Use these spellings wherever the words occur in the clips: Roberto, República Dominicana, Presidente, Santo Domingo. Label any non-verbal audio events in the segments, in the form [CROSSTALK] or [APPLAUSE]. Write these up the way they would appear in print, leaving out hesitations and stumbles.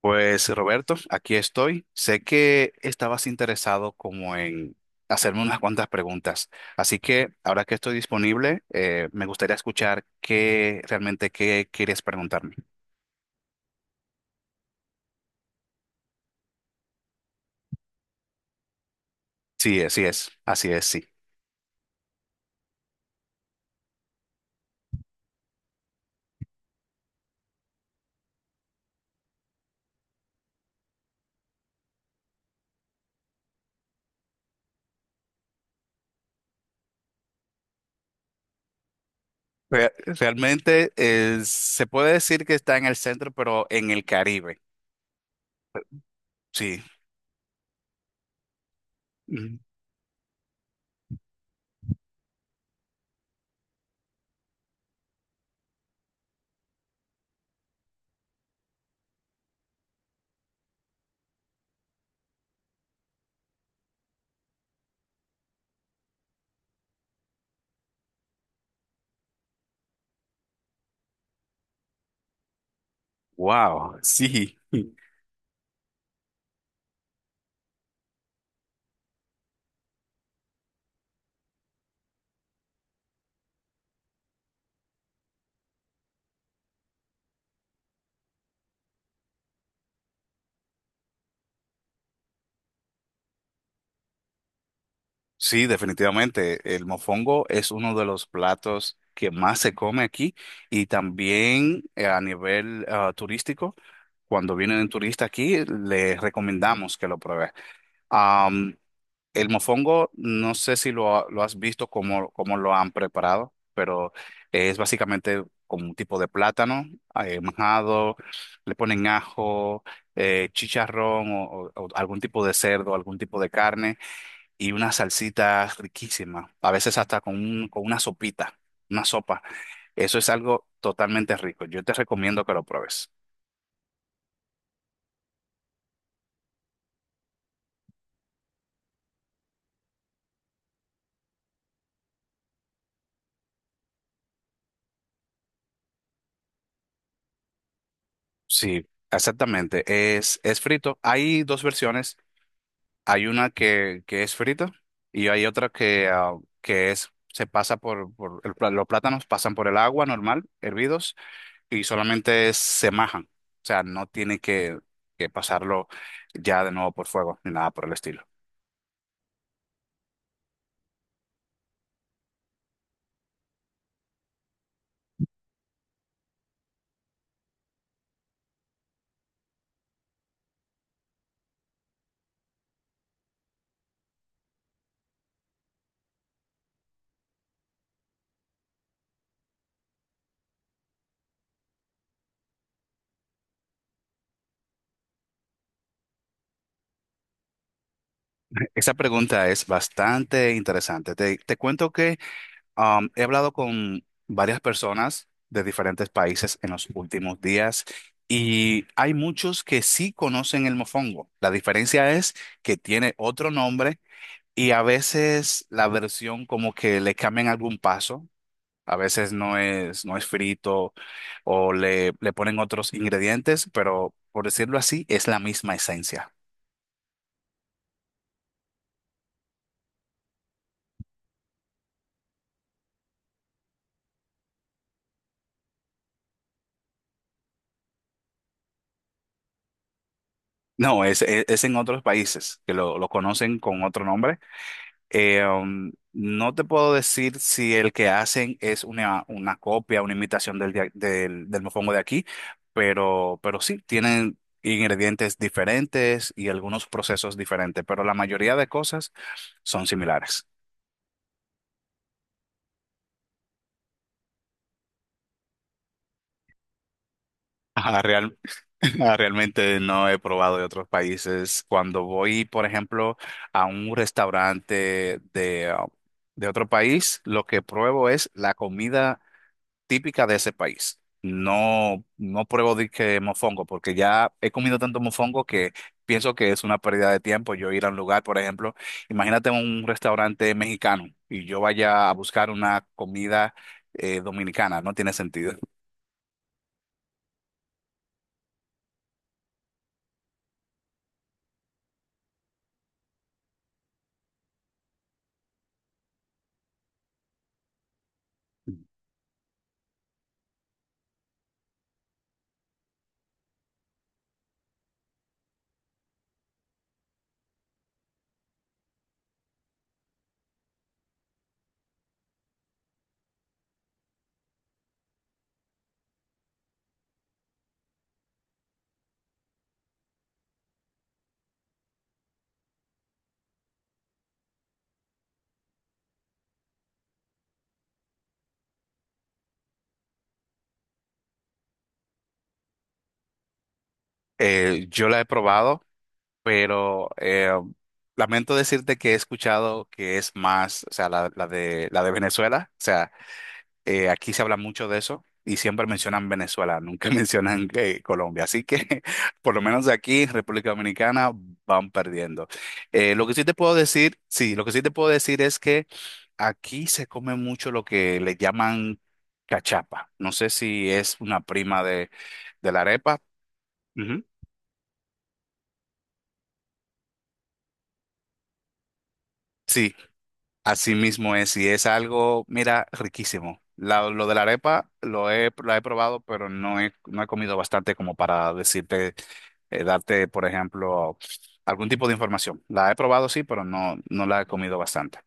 Pues Roberto, aquí estoy. Sé que estabas interesado como en hacerme unas cuantas preguntas, así que ahora que estoy disponible, me gustaría escuchar qué realmente qué quieres preguntarme. Sí, así es, sí. Realmente se puede decir que está en el centro, pero en el Caribe. Sí. Wow, sí. Sí, definitivamente. El mofongo es uno de los platos que más se come aquí y también a nivel turístico, cuando vienen turistas aquí, les recomendamos que lo prueben. Am, el mofongo, no sé si lo has visto cómo, cómo lo han preparado, pero es básicamente como un tipo de plátano majado, le ponen ajo, chicharrón o algún tipo de cerdo, algún tipo de carne y una salsita riquísima, a veces hasta con, con una sopita, una sopa. Eso es algo totalmente rico. Yo te recomiendo que lo pruebes. Sí, exactamente. Es frito. Hay dos versiones. Hay una que es frita y hay otra que, que es, se pasa por, los plátanos pasan por el agua normal, hervidos, y solamente se majan. O sea, no tiene que pasarlo ya de nuevo por fuego ni nada por el estilo. Esa pregunta es bastante interesante. Te cuento que he hablado con varias personas de diferentes países en los últimos días y hay muchos que sí conocen el mofongo. La diferencia es que tiene otro nombre y a veces la versión como que le cambian algún paso. A veces no es, no es frito o le ponen otros ingredientes, pero por decirlo así, es la misma esencia. No, es en otros países que lo conocen con otro nombre. No te puedo decir si el que hacen es una copia, una imitación del, del, del mofongo de aquí, pero sí, tienen ingredientes diferentes y algunos procesos diferentes, pero la mayoría de cosas son similares. Ajá, [LAUGHS] Realmente no he probado de otros países. Cuando voy, por ejemplo, a un restaurante de, de otro país, lo que pruebo es la comida típica de ese país. No, no pruebo de que mofongo, porque ya he comido tanto mofongo que pienso que es una pérdida de tiempo yo ir a un lugar, por ejemplo, imagínate un restaurante mexicano y yo vaya a buscar una comida dominicana, no tiene sentido. Yo la he probado pero lamento decirte que he escuchado que es más, o sea, la, la de Venezuela, o sea, aquí se habla mucho de eso y siempre mencionan Venezuela, nunca [LAUGHS] mencionan Colombia, así que [LAUGHS] por lo menos de aquí, República Dominicana, van perdiendo. Lo que sí te puedo decir, sí, lo que sí te puedo decir es que aquí se come mucho lo que le llaman cachapa, no sé si es una prima de la arepa. Ujú. Sí, así mismo es, y es algo, mira, riquísimo. Lo de la arepa lo he, la he probado, pero no he, no he comido bastante como para decirte, darte, por ejemplo, algún tipo de información. La he probado, sí, pero no, no la he comido bastante.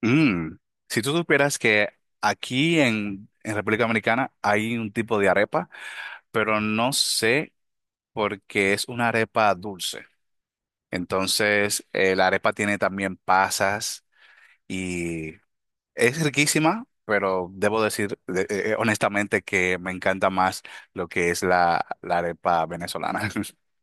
Mm, si tú supieras que aquí en República Dominicana hay un tipo de arepa, pero no sé por qué es una arepa dulce. Entonces, la arepa tiene también pasas y es riquísima, pero debo decir honestamente que me encanta más lo que es la, la arepa venezolana. [LAUGHS]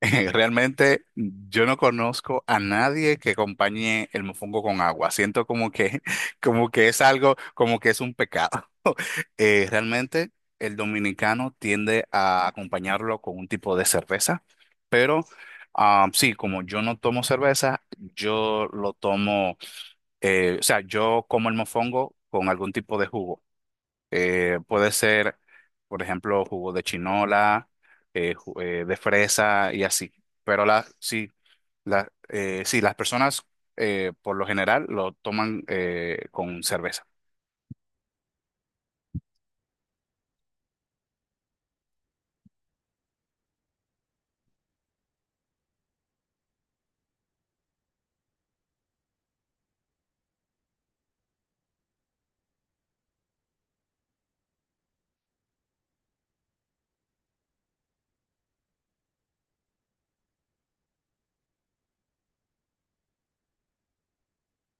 Realmente yo no conozco a nadie que acompañe el mofongo con agua. Siento como que, [LAUGHS] como que es algo, como que es un pecado. [LAUGHS] Realmente el dominicano tiende a acompañarlo con un tipo de cerveza, pero sí, como yo no tomo cerveza, yo lo tomo. O sea, yo como el mofongo con algún tipo de jugo. Puede ser, por ejemplo, jugo de chinola, de fresa y así. Pero la, sí, sí, las personas por lo general lo toman con cerveza.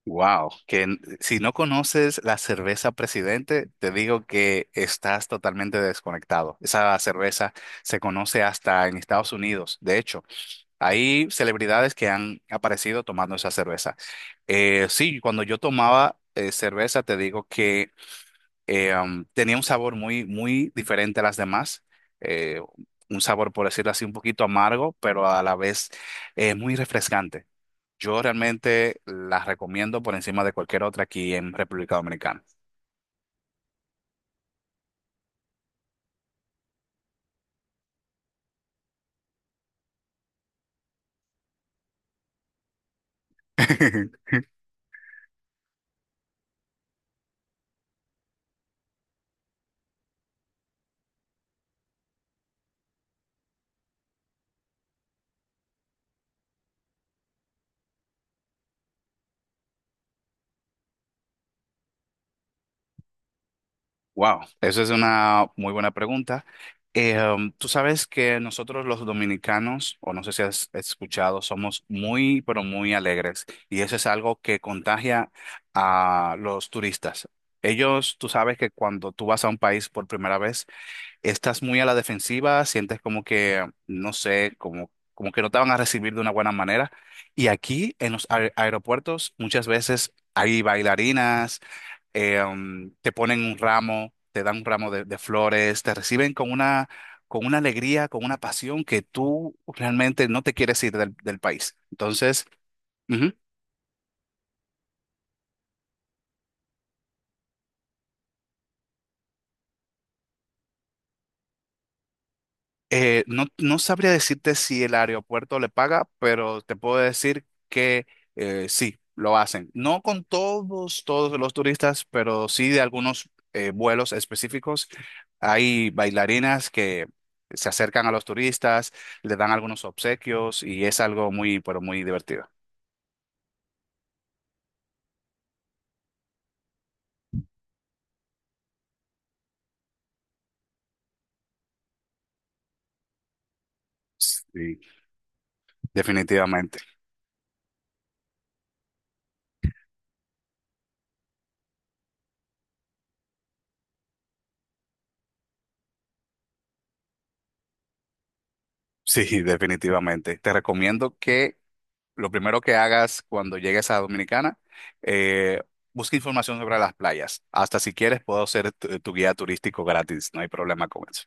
Wow, si no conoces la cerveza Presidente, te digo que estás totalmente desconectado. Esa cerveza se conoce hasta en Estados Unidos. De hecho, hay celebridades que han aparecido tomando esa cerveza. Sí, cuando yo tomaba cerveza, te digo que tenía un sabor muy, muy diferente a las demás. Eh, un sabor, por decirlo así, un poquito amargo, pero a la vez muy refrescante. Yo realmente las recomiendo por encima de cualquier otra aquí en República Dominicana. [LAUGHS] Wow, eso es una muy buena pregunta. Tú sabes que nosotros los dominicanos, o no sé si has escuchado, somos muy, pero muy alegres y eso es algo que contagia a los turistas. Ellos, tú sabes que cuando tú vas a un país por primera vez, estás muy a la defensiva, sientes como que, no sé, como, como que no te van a recibir de una buena manera. Y aquí en los aeropuertos muchas veces hay bailarinas te ponen un ramo, te dan un ramo de flores, te reciben con una alegría, con una pasión que tú realmente no te quieres ir del, del país. Entonces, no, no sabría decirte si el aeropuerto le paga, pero te puedo decir que sí, lo hacen. No con todos, todos los turistas, pero sí de algunos vuelos específicos. Hay bailarinas que se acercan a los turistas, le dan algunos obsequios y es algo muy, pero muy divertido. Sí, definitivamente. Sí, [LAUGHS] definitivamente. Te recomiendo que lo primero que hagas cuando llegues a Dominicana, eh, busca información sobre las playas. Hasta si quieres, puedo ser tu, tu guía turístico gratis, no hay problema con eso.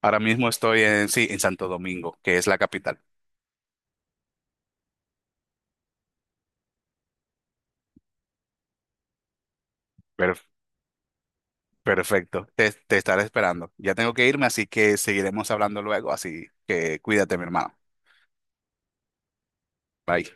Ahora mismo estoy en, sí, en Santo Domingo, que es la capital. Per- Perfecto, te estaré esperando. Ya tengo que irme, así que seguiremos hablando luego, así que cuídate, mi hermano. Bye.